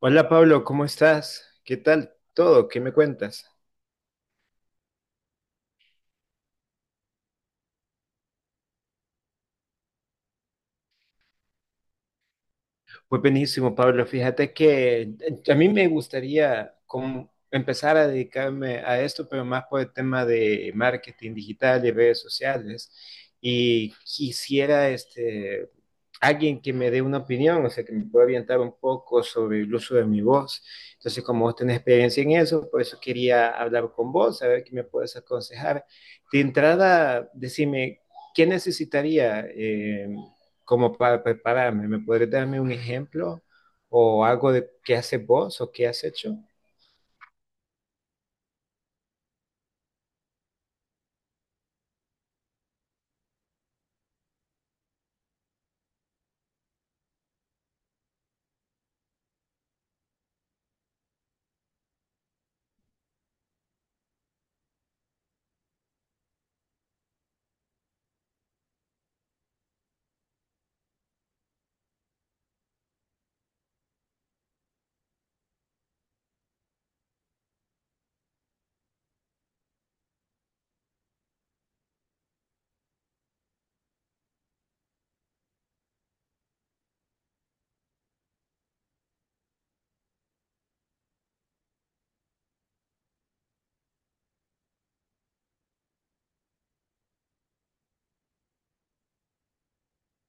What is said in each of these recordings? Hola Pablo, ¿cómo estás? ¿Qué tal todo? ¿Qué me cuentas? Pues buenísimo, Pablo. Fíjate que a mí me gustaría como empezar a dedicarme a esto, pero más por el tema de marketing digital y redes sociales. Y quisiera este, alguien que me dé una opinión, o sea, que me pueda orientar un poco sobre el uso de mi voz. Entonces, como vos tenés experiencia en eso, por eso quería hablar con vos, a ver qué me puedes aconsejar. De entrada, decime, ¿qué necesitaría como para prepararme? ¿Me podrías darme un ejemplo o algo de qué haces vos o qué has hecho?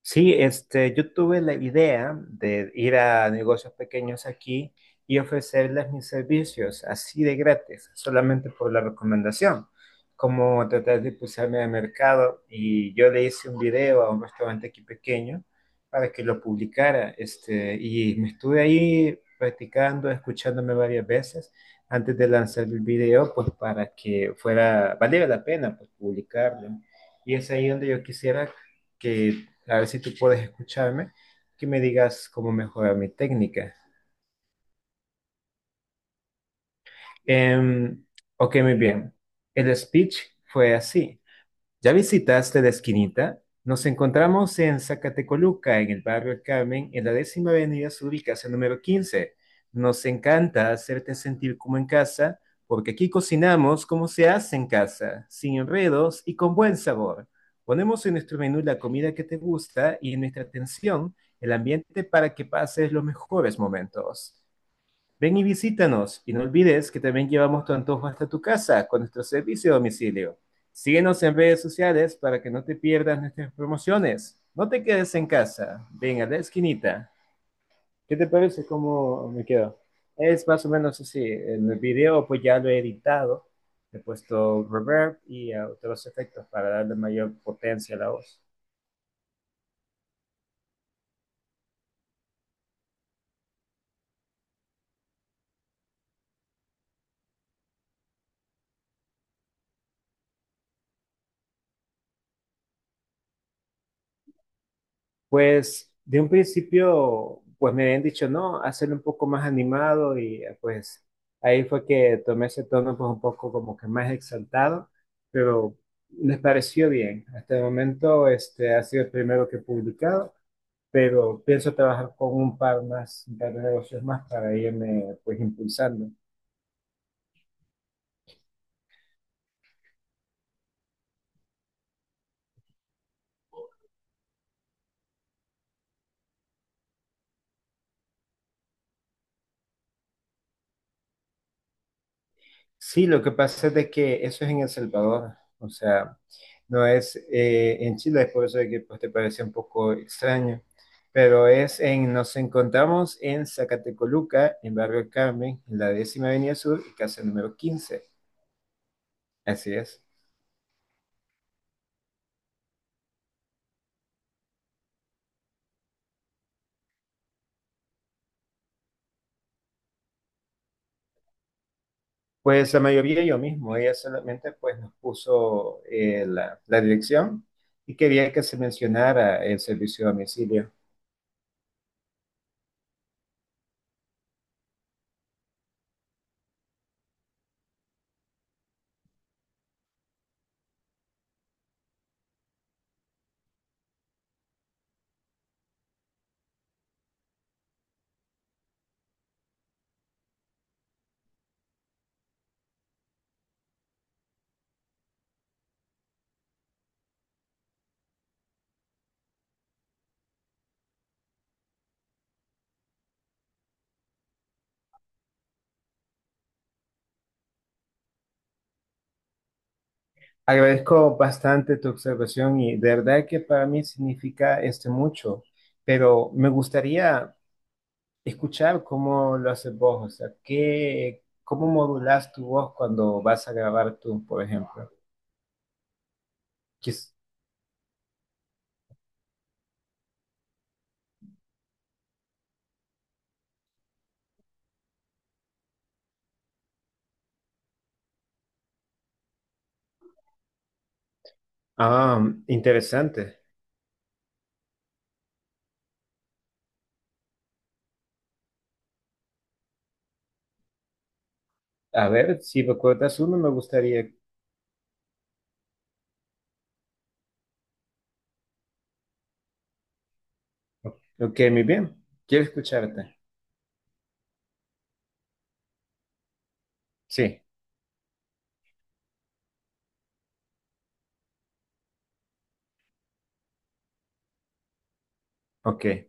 Sí, este, yo tuve la idea de ir a negocios pequeños aquí y ofrecerles mis servicios así de gratis, solamente por la recomendación, como tratar de impulsarme al mercado, y yo le hice un video a un restaurante aquí pequeño para que lo publicara, este, y me estuve ahí practicando, escuchándome varias veces antes de lanzar el video, pues para que fuera, valiera la pena pues, publicarlo. Y es ahí donde yo quisiera que a ver si tú puedes escucharme, que me digas cómo mejorar mi técnica. Em, ok, muy bien. El speech fue así. ¿Ya visitaste la esquinita? Nos encontramos en Zacatecoluca, en el barrio El Carmen, en la décima avenida sur y casa número 15. Nos encanta hacerte sentir como en casa, porque aquí cocinamos como se hace en casa, sin enredos y con buen sabor. Ponemos en nuestro menú la comida que te gusta y en nuestra atención el ambiente para que pases los mejores momentos. Ven y visítanos y no olvides que también llevamos tu antojo hasta tu casa con nuestro servicio a domicilio. Síguenos en redes sociales para que no te pierdas nuestras promociones. No te quedes en casa, ven a la esquinita. ¿Qué te parece cómo me quedo? Es más o menos así. En el video pues ya lo he editado, he puesto reverb y otros efectos para darle mayor potencia a la voz. Pues de un principio, pues me habían dicho, no, hacerlo un poco más animado y pues ahí fue que tomé ese tono pues un poco como que más exaltado, pero les pareció bien. Hasta el momento este ha sido el primero que he publicado, pero pienso trabajar con un par más, un par de negocios más para irme pues impulsando. Sí, lo que pasa es de que eso es en El Salvador, o sea... No es en Chile, es por eso de que pues, te parece un poco extraño, pero es en, nos encontramos en Zacatecoluca, en Barrio El Carmen, en la décima avenida sur y casa número quince, así es. Pues la mayoría yo mismo, ella solamente pues nos puso la dirección y quería que se mencionara el servicio a domicilio. Agradezco bastante tu observación y de verdad que para mí significa este mucho, pero me gustaría escuchar cómo lo haces vos, o sea, qué, cómo modulás tu voz cuando vas a grabar tú, por ejemplo. Quis- Ah, interesante. A ver, si recuerdas uno, me gustaría. Ok, muy bien. Quiero escucharte. Sí, ok.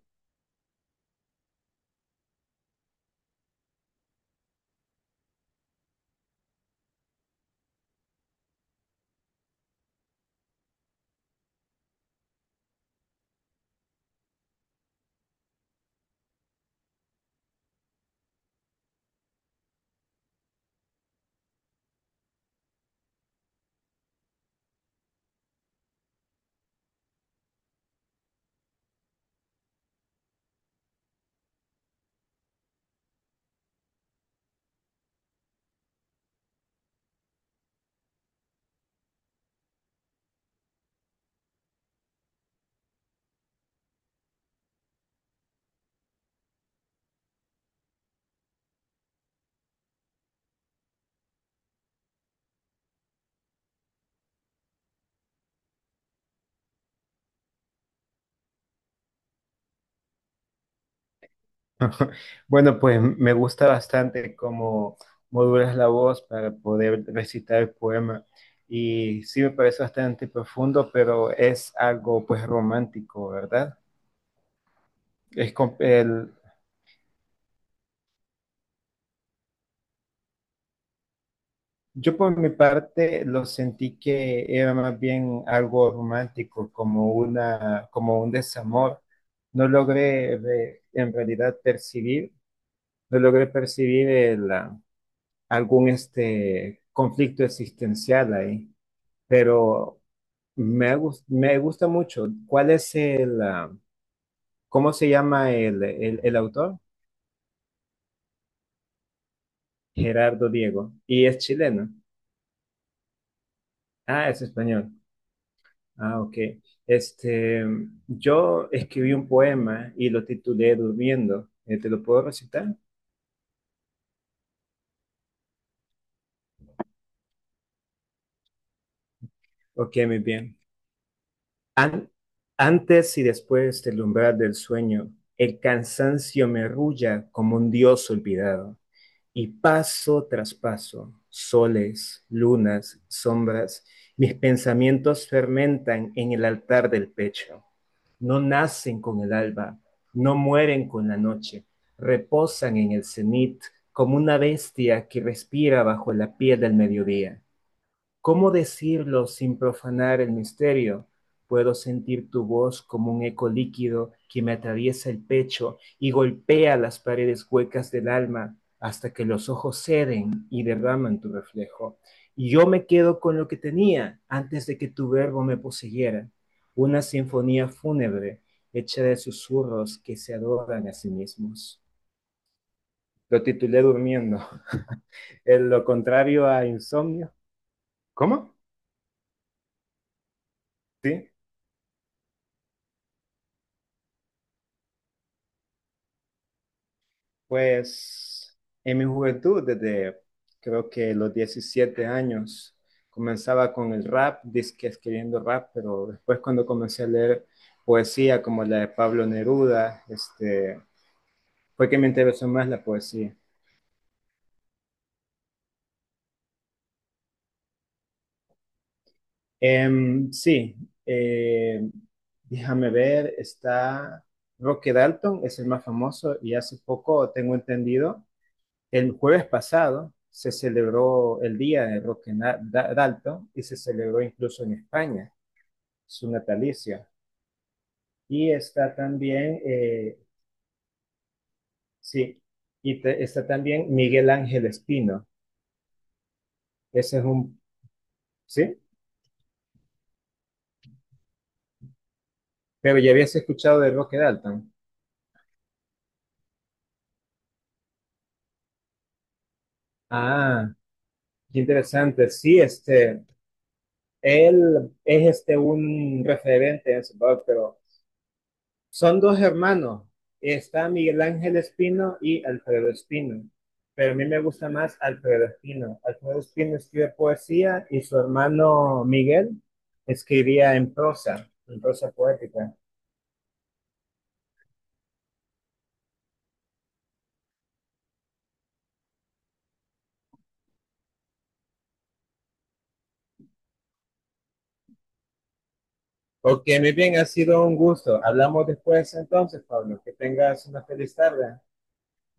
Bueno, pues me gusta bastante cómo modulas la voz para poder recitar el poema. Y sí me parece bastante profundo, pero es algo pues romántico, ¿verdad? Es, com- el Yo por mi parte lo sentí que era más bien algo romántico, como una, como un desamor. No logré re- en realidad percibir, no logré percibir el, algún este conflicto existencial ahí, pero me gusta mucho. ¿Cuál es el, cómo se llama el autor? Gerardo Diego. Y es chileno. Ah, es español. Ah, ok. Este, yo escribí un poema y lo titulé Durmiendo. ¿Te lo puedo recitar? Ok, muy bien. An- antes y después del umbral del sueño, el cansancio me rulla como un dios olvidado. Y paso tras paso, soles, lunas, sombras, mis pensamientos fermentan en el altar del pecho. No nacen con el alba, no mueren con la noche, reposan en el cenit como una bestia que respira bajo la piel del mediodía. ¿Cómo decirlo sin profanar el misterio? Puedo sentir tu voz como un eco líquido que me atraviesa el pecho y golpea las paredes huecas del alma hasta que los ojos ceden y derraman tu reflejo. Y yo me quedo con lo que tenía antes de que tu verbo me poseyera, una sinfonía fúnebre hecha de susurros que se adoran a sí mismos. Lo titulé durmiendo. en lo contrario a insomnio. ¿Cómo? Sí, pues en mi juventud, desde creo que los 17 años, comenzaba con el rap, disque escribiendo rap, pero después cuando comencé a leer poesía como la de Pablo Neruda, este, fue que me interesó más la poesía. Sí, eh, déjame ver, está Roque Dalton, es el más famoso, y hace poco tengo entendido. El jueves pasado se celebró el día de Roque Dalton y se celebró incluso en España su natalicio. Y está también, sí, y está también Miguel Ángel Espino. Ese es un, sí, pero ya habías escuchado de Roque Dalton. Ah, qué interesante. Sí, este, él es este un referente en su pero son dos hermanos. Está Miguel Ángel Espino y Alfredo Espino. Pero a mí me gusta más Alfredo Espino. Alfredo Espino escribe poesía y su hermano Miguel escribía en prosa poética. Ok, muy bien, ha sido un gusto. Hablamos después entonces, Pablo. Que tengas una feliz tarde.